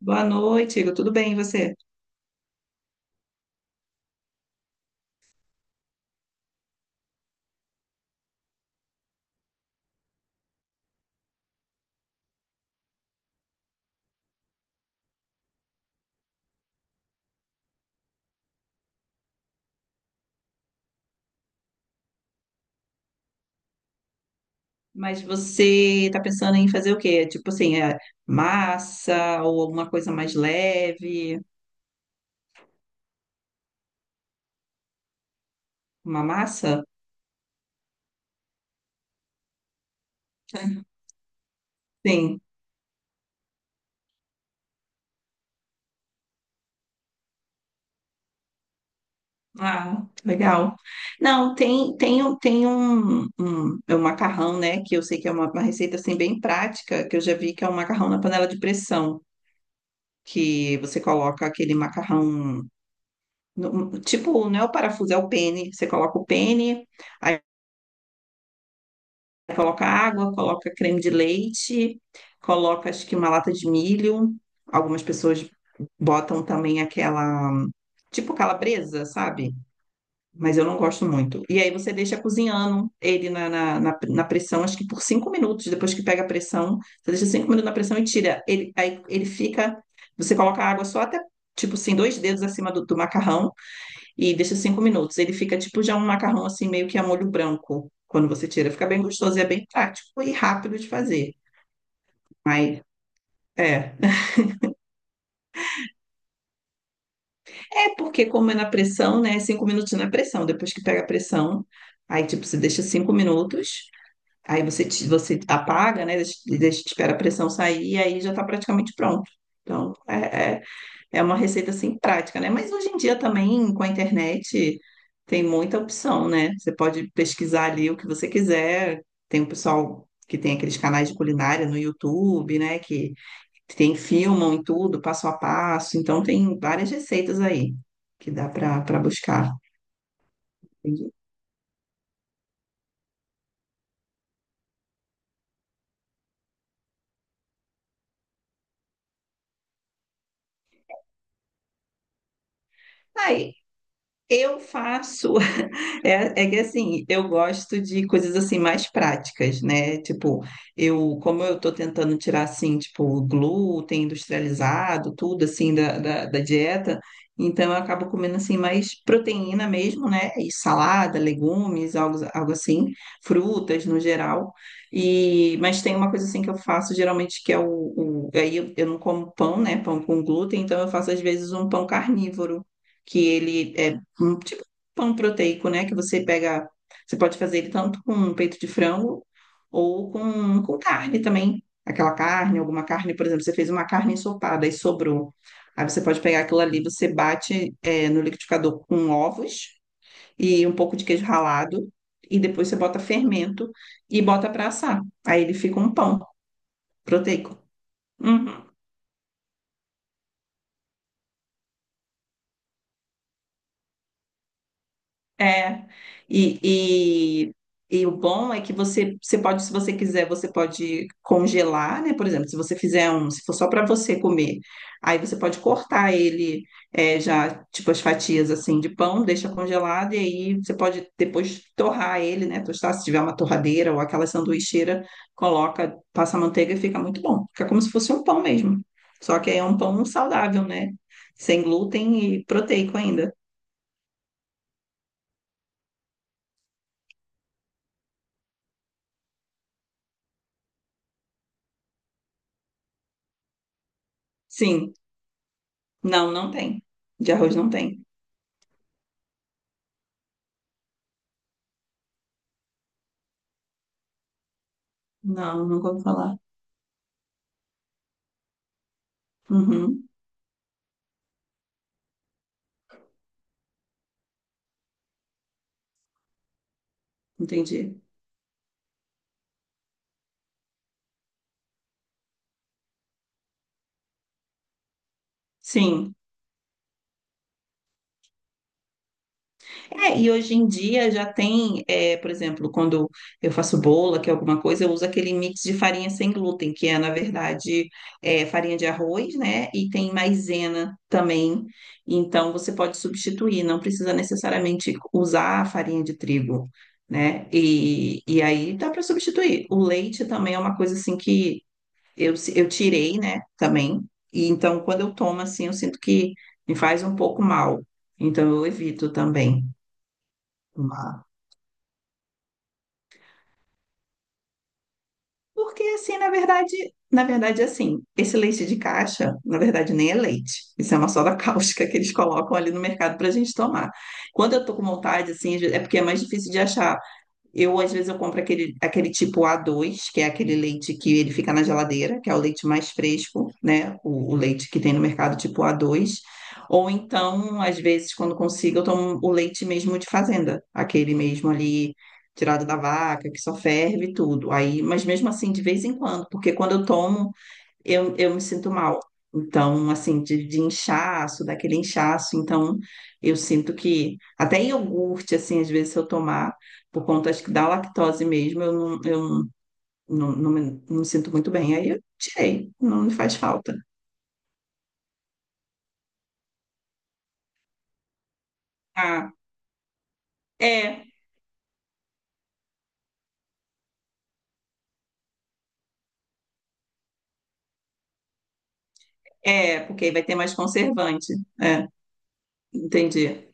Boa noite, Igor. Tudo bem, e você? Mas você tá pensando em fazer o quê? Tipo assim, massa ou alguma coisa mais leve? Uma massa? Sim. Ah, legal. Não, tem é um macarrão, né? Que eu sei que é uma receita assim bem prática, que eu já vi que é um macarrão na panela de pressão, que você coloca aquele macarrão, tipo, não é o parafuso, é o pene. Você coloca o pene. Coloca água, coloca creme de leite, coloca acho que uma lata de milho. Algumas pessoas botam também aquela, tipo calabresa, sabe? Mas eu não gosto muito. E aí você deixa cozinhando ele na pressão, acho que por 5 minutos. Depois que pega a pressão, você deixa 5 minutos na pressão e tira. Aí ele fica. Você coloca a água só até, tipo assim, dois dedos acima do macarrão e deixa 5 minutos. Ele fica tipo já um macarrão assim, meio que a molho branco, quando você tira. Fica bem gostoso e é bem prático e rápido de fazer. Mas é. É porque, como é na pressão, né? 5 minutos na pressão. Depois que pega a pressão, aí tipo, você deixa 5 minutos. Aí você apaga, né? Deixa, espera a pressão sair e aí já tá praticamente pronto. Então, é uma receita assim prática, né? Mas hoje em dia também com a internet tem muita opção, né? Você pode pesquisar ali o que você quiser. Tem o pessoal que tem aqueles canais de culinária no YouTube, né? Que tem filmam e tudo, passo a passo. Então tem várias receitas aí que dá para buscar. Entendi. Aí eu faço, é que assim, eu gosto de coisas assim mais práticas, né? Tipo, eu, como eu tô tentando tirar assim, tipo, o glúten industrializado, tudo assim da dieta, então eu acabo comendo assim mais proteína mesmo, né? E salada, legumes, algo assim, frutas no geral. E, mas tem uma coisa assim que eu faço geralmente que é eu não como pão, né? Pão com glúten, então eu faço às vezes um pão carnívoro que ele é tipo pão proteico, né? Que você pega. Você pode fazer ele tanto com peito de frango ou com carne também. Aquela carne, alguma carne, por exemplo, você fez uma carne ensopada e sobrou. Aí você pode pegar aquilo ali, você bate, no liquidificador com ovos e um pouco de queijo ralado. E depois você bota fermento e bota para assar. Aí ele fica um pão proteico. Uhum. É, e, e, e o bom é que você pode, se você quiser, você pode congelar, né? Por exemplo, se você fizer um, se for só para você comer, aí você pode cortar ele, já, tipo, as fatias assim de pão, deixa congelado, e aí você pode depois torrar ele, né? Tostar, se tiver uma torradeira ou aquela sanduicheira, coloca, passa manteiga e fica muito bom. Fica como se fosse um pão mesmo. Só que aí é um pão saudável, né? Sem glúten e proteico ainda. Sim. Não, não tem. De arroz não tem. Não, nunca ouvi falar. Uhum, entendi. Sim. É, e hoje em dia já tem, por exemplo, quando eu faço bola, que é alguma coisa, eu uso aquele mix de farinha sem glúten, que é, na verdade, farinha de arroz, né? E tem maisena também. Então, você pode substituir, não precisa necessariamente usar a farinha de trigo, né? E aí dá para substituir. O leite também é uma coisa assim que Eu, se- eu tirei, né, também. E então, quando eu tomo assim, eu sinto que me faz um pouco mal. Então, eu evito também tomar. Porque assim, na verdade, assim, esse leite de caixa, na verdade, nem é leite. Isso é uma soda cáustica que eles colocam ali no mercado para a gente tomar. Quando eu tô com vontade, assim, é porque é mais difícil de achar. Às vezes, eu compro aquele tipo A2, que é aquele leite que ele fica na geladeira, que é o leite mais fresco, né? O leite que tem no mercado tipo A2. Ou então, às vezes, quando consigo, eu tomo o leite mesmo de fazenda, aquele mesmo ali tirado da vaca, que só ferve e tudo. Aí, mas mesmo assim, de vez em quando, porque quando eu tomo, eu me sinto mal. Então, assim, de inchaço, daquele inchaço. Então, eu sinto que até iogurte, assim, às vezes, se eu tomar, por conta, acho que da lactose mesmo, eu não, não, me, não me sinto muito bem. Aí eu tirei, não me faz falta. Ah, é, porque aí vai ter mais conservante. É, entendi.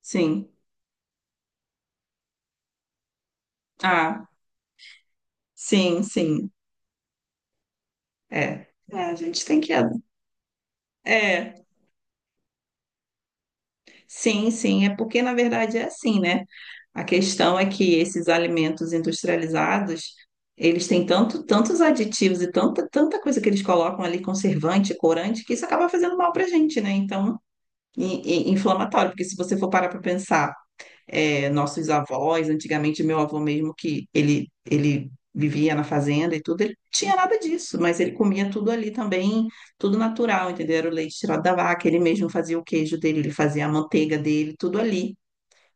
Sim. Ah, sim, sim. É. É, a gente tem que. É, sim, sim, é porque na verdade é assim, né? A questão é que esses alimentos industrializados, eles têm tanto, tantos aditivos e tanta, tanta coisa que eles colocam ali, conservante, corante, que isso acaba fazendo mal para a gente, né? Então, e inflamatório, porque se você for parar para pensar nossos avós, antigamente meu avô mesmo que ele vivia na fazenda e tudo, ele não tinha nada disso, mas ele comia tudo ali também, tudo natural, entendeu? Era o leite tirado da vaca, ele mesmo fazia o queijo dele, ele fazia a manteiga dele, tudo ali.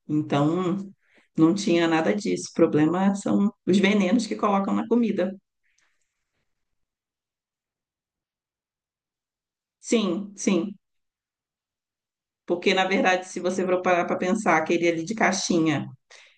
Então, não tinha nada disso. O problema são os venenos que colocam na comida. Sim, sim. Porque, na verdade, se você for parar para pensar, aquele ali de caixinha,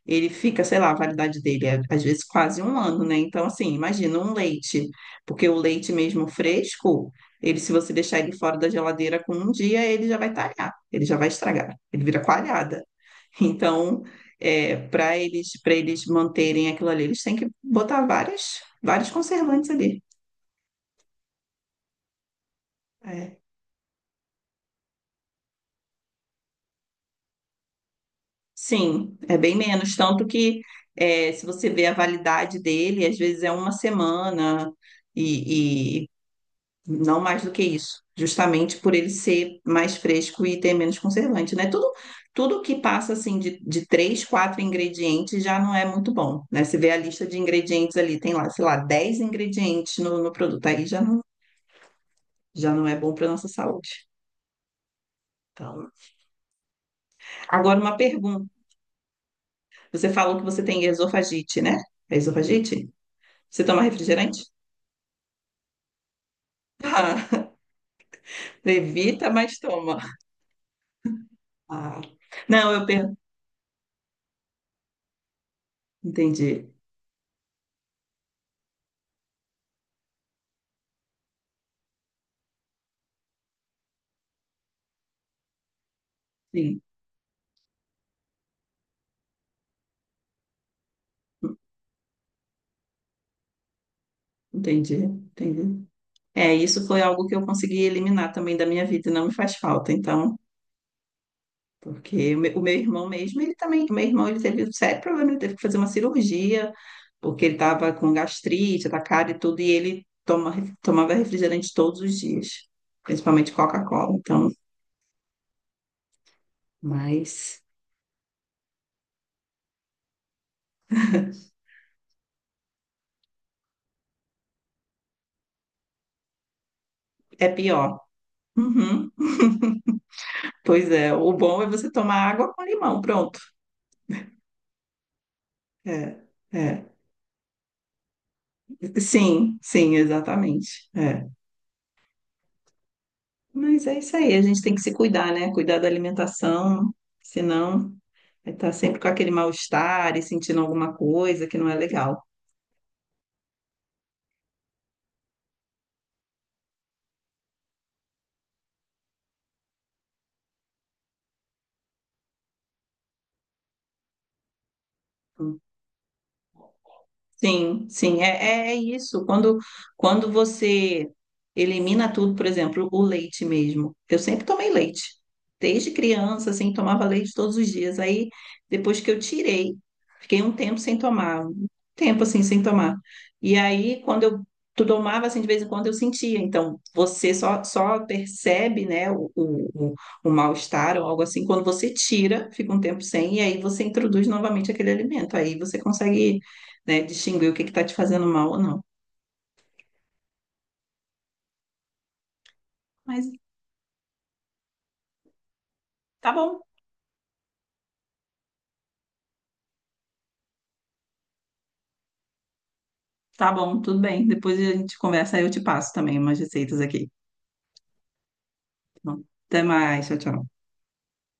ele fica, sei lá, a validade dele é às vezes quase um ano, né? Então, assim, imagina um leite, porque o leite mesmo fresco, ele, se você deixar ele fora da geladeira com um dia, ele já vai talhar, ele já vai estragar, ele vira coalhada. Então, para eles manterem aquilo ali, eles têm que botar várias, vários conservantes ali. É. Sim, é bem menos, tanto que se você vê a validade dele, às vezes é uma semana e, não mais do que isso, justamente por ele ser mais fresco e ter menos conservante, né? Tudo, tudo que passa assim de três, quatro ingredientes já não é muito bom, né? Você vê a lista de ingredientes ali, tem lá, sei lá, 10 ingredientes no produto, aí já não é bom para nossa saúde. Então, agora uma pergunta. Você falou que você tem esofagite, né? É esofagite? Você toma refrigerante? Ah, evita, mas toma. Ah, não, eu per... entendi. Sim, entendi, entendi. É, isso foi algo que eu consegui eliminar também da minha vida e não me faz falta, então, porque o meu irmão mesmo, ele também, o meu irmão, ele teve um sério problema, ele teve que fazer uma cirurgia, porque ele estava com gastrite da cara e tudo, e tomava refrigerante todos os dias, principalmente Coca-Cola, então, mas é pior. Uhum. Pois é, o bom é você tomar água com limão, pronto. É, é. Sim, sim, exatamente. É. Mas é isso aí, a gente tem que se cuidar, né? Cuidar da alimentação, senão vai estar sempre com aquele mal-estar e sentindo alguma coisa que não é legal. Sim, sim, é, é isso. Quando você elimina tudo, por exemplo, o leite mesmo. Eu sempre tomei leite. Desde criança, assim, tomava leite todos os dias. Aí, depois que eu tirei, fiquei um tempo sem tomar, um tempo assim, sem tomar. E aí, quando eu tu tomava, assim, de vez em quando eu sentia. Então, você só, só percebe, né, o mal-estar ou algo assim, quando você tira, fica um tempo sem, e aí você introduz novamente aquele alimento. Aí você consegue, né? Distinguir o que que tá te fazendo mal ou não. Mas tá bom, tá bom, tudo bem. Depois a gente conversa, aí eu te passo também umas receitas aqui. Tá bom? Até mais, tchau, tchau.